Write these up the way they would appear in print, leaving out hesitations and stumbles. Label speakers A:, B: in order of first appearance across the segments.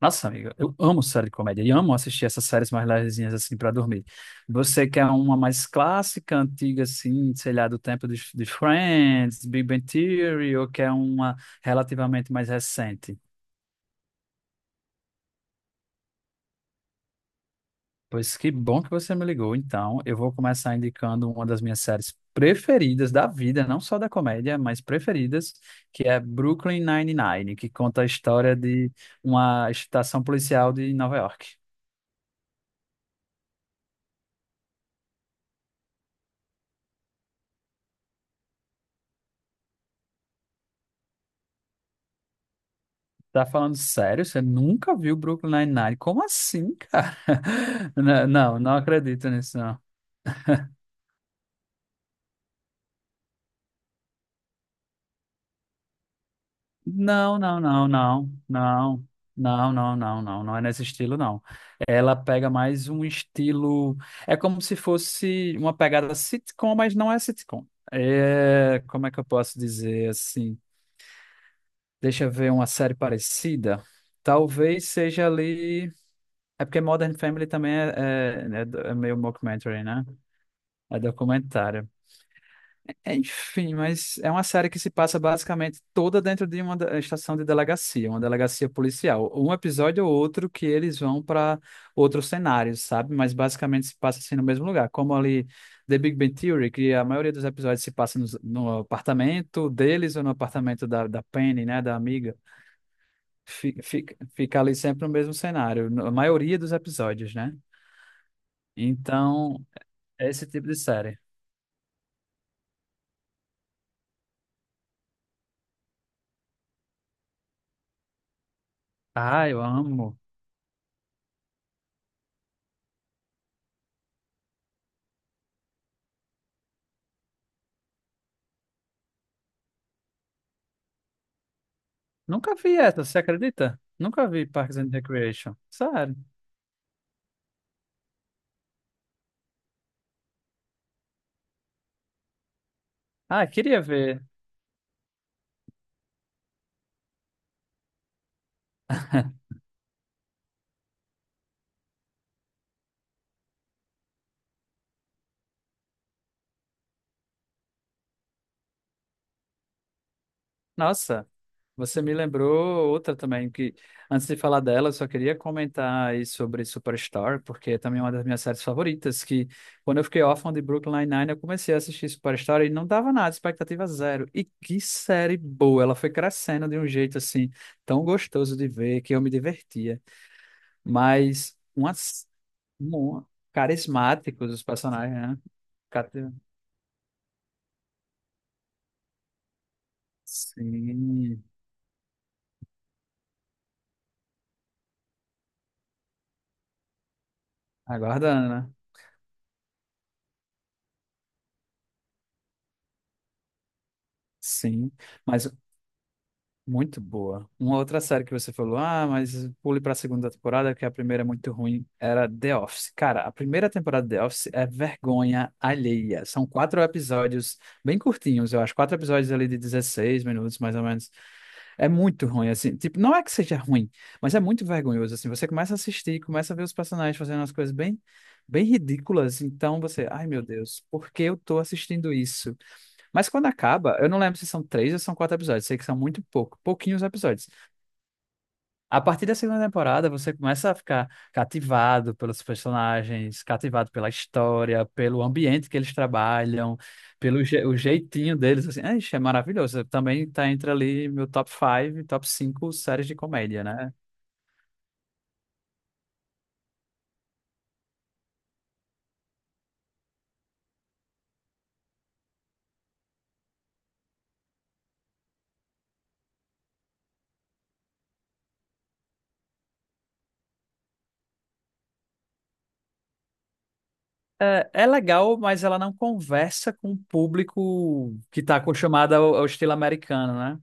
A: Nossa, amiga, eu amo série de comédia e amo assistir essas séries mais levezinhas assim para dormir. Você quer uma mais clássica, antiga, assim, sei lá, do tempo de Friends, Big Bang Theory, ou quer uma relativamente mais recente? Pois que bom que você me ligou. Então, eu vou começar indicando uma das minhas séries preferidas da vida, não só da comédia, mas preferidas, que é Brooklyn Nine-Nine, que conta a história de uma estação policial de Nova York. Tá falando sério? Você nunca viu Brooklyn Nine-Nine? Como assim, cara? Não, não acredito nisso, não. Não, não, não, não, não, não, não, não, não, Não é nesse estilo, não. Ela pega mais um estilo. É como se fosse uma pegada sitcom, mas não é sitcom. É, como é que eu posso dizer assim? Deixa eu ver uma série parecida. Talvez seja ali. É porque Modern Family também é meio mockumentary, né? É documentário. É. Enfim, mas é uma série que se passa basicamente toda dentro de uma estação de delegacia, uma delegacia policial. Um episódio ou outro que eles vão para outros cenários, sabe? Mas basicamente se passa assim no mesmo lugar. Como ali The Big Bang Theory, que a maioria dos episódios se passa no apartamento deles ou no apartamento da Penny, né? Da amiga. Fica ali sempre no mesmo cenário, na maioria dos episódios, né? Então, é esse tipo de série. Ah, eu amo. Nunca vi essa, você acredita? Nunca vi Parks and Recreation. Sério. Ah, queria ver. Nossa, você me lembrou outra também, que antes de falar dela, eu só queria comentar aí sobre Superstore, porque é também uma das minhas séries favoritas, que quando eu fiquei órfão de Brooklyn Nine-Nine, eu comecei a assistir Superstore e não dava nada, expectativa zero. E que série boa, ela foi crescendo de um jeito assim, tão gostoso de ver, que eu me divertia. Mas umas, uma- Carismáticos os personagens, né? Cate- Sim, aguardando, né? Sim, mas muito boa. Uma outra série que você falou, ah, mas pule para a segunda temporada, que a primeira é muito ruim, era The Office. Cara, a primeira temporada de The Office é vergonha alheia. São quatro episódios bem curtinhos, eu acho, quatro episódios ali de 16 minutos, mais ou menos. É muito ruim, assim. Tipo, não é que seja ruim, mas é muito vergonhoso, assim. Você começa a assistir, começa a ver os personagens fazendo umas coisas bem, bem ridículas. Então você, ai meu Deus, por que eu tô assistindo isso? Mas quando acaba, eu não lembro se são três ou são quatro episódios. Sei que são muito pouco, pouquinhos episódios. A partir da segunda temporada, você começa a ficar cativado pelos personagens, cativado pela história, pelo ambiente que eles trabalham, pelo je- o jeitinho deles, assim, é, ixi, é maravilhoso. Também tá entre ali meu top 5, top 5 séries de comédia, né? É, é legal, mas ela não conversa com o público que tá acostumado ao estilo americano, né?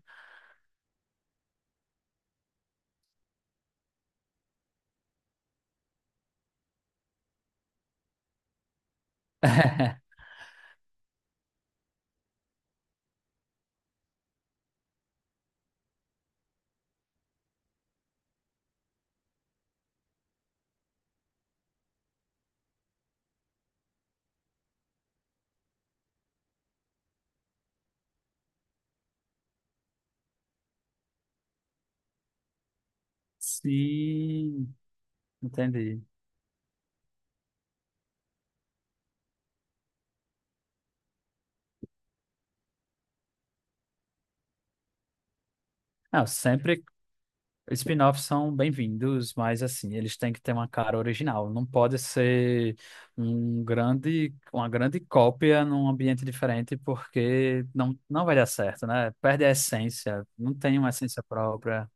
A: Sim, entendi. Não, sempre Spin-offs são bem-vindos, mas assim, eles têm que ter uma cara original. Não pode ser uma grande cópia num ambiente diferente, porque não vai dar certo, né? Perde a essência, não tem uma essência própria.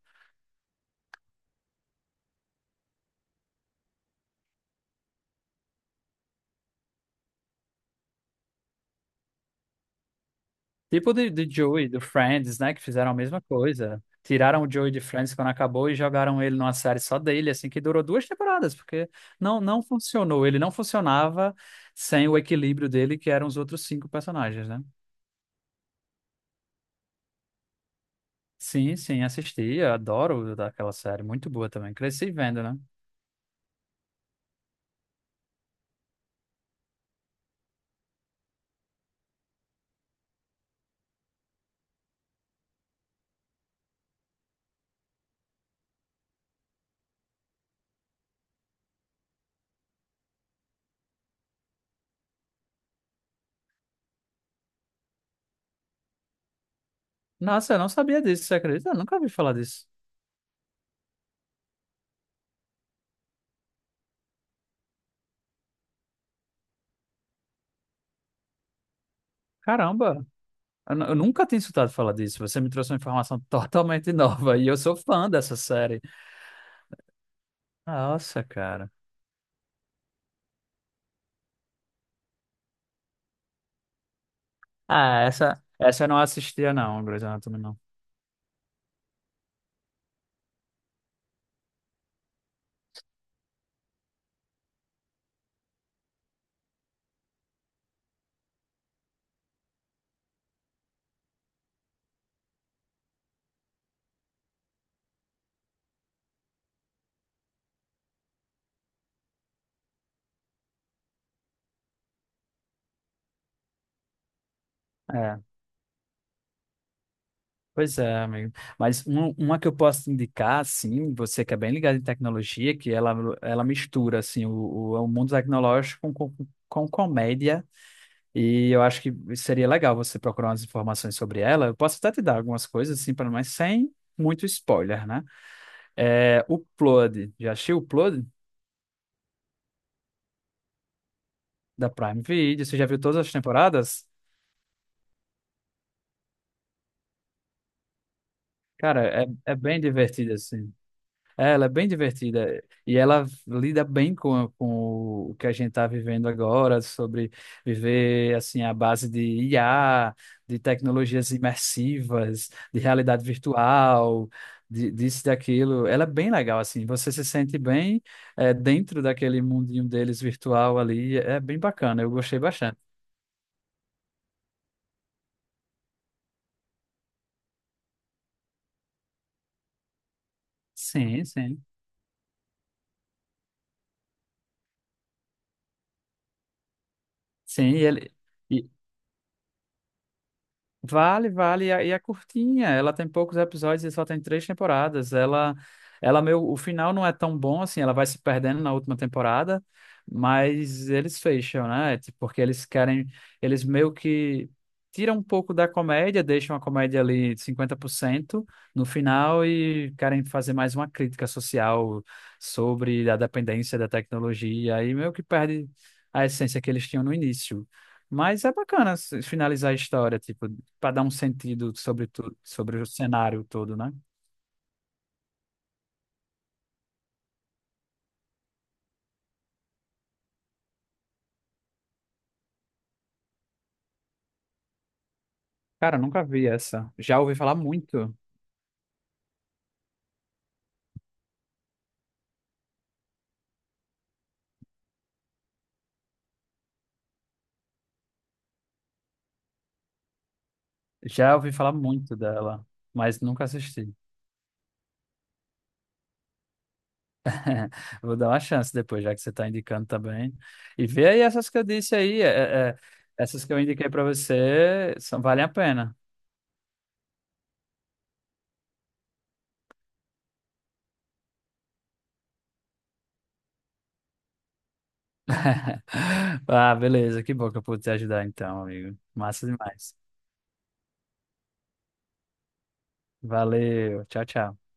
A: Tipo de Joey, do Friends, né? Que fizeram a mesma coisa. Tiraram o Joey de Friends quando acabou e jogaram ele numa série só dele, assim, que durou duas temporadas, porque não funcionou. Ele não funcionava sem o equilíbrio dele, que eram os outros cinco personagens, né? Sim, sim, assisti, eu adoro aquela série, muito boa também. Cresci vendo, né? Nossa, eu não sabia disso, você acredita? Eu nunca ouvi falar disso. Caramba, eu nunca tinha escutado falar disso. Você me trouxe uma informação totalmente nova e eu sou fã dessa série. Nossa, cara. Ah, essa eu não assistia, não, Grey's Anatomy, não. É, pois é, amigo. Mas uma que eu posso te indicar, assim, você que é bem ligado em tecnologia, que ela mistura, assim, o mundo tecnológico com comédia. E eu acho que seria legal você procurar umas informações sobre ela. Eu posso até te dar algumas coisas, assim, pra- mas sem muito spoiler, né? É, o Upload. Já assistiu o Upload da Prime Video? Você já viu todas as temporadas? Cara, é, é bem divertido, assim. É, ela é bem divertida e ela lida bem com o que a gente está vivendo agora, sobre viver assim à base de IA, de tecnologias imersivas, de realidade virtual, disso e daquilo. Ela é bem legal, assim, você se sente bem é, dentro daquele mundinho deles virtual ali, é bem bacana, eu gostei bastante. Sim, sim. Sim, e ele. Vale, vale. E é curtinha. Ela tem poucos episódios e só tem três temporadas. Ela meio, o final não é tão bom assim. Ela vai se perdendo na última temporada, mas eles fecham, né? É. Tipo. Porque eles querem, eles meio que tiram um pouco da comédia, deixam a comédia ali 50% no final e querem fazer mais uma crítica social sobre a dependência da tecnologia. Aí meio que perde a essência que eles tinham no início. Mas é bacana se- finalizar a história, tipo, para dar um sentido sobre tudo, sobre o cenário todo, né? Cara, nunca vi essa. Já ouvi falar muito. Já ouvi falar muito dela, mas nunca assisti. Vou dar uma chance depois, já que você está indicando também. E vê aí essas que eu disse aí, é, essas que eu indiquei para você, são, valem a pena. Ah, beleza, que bom que eu pude te ajudar então, amigo. Massa demais. Valeu, tchau, tchau.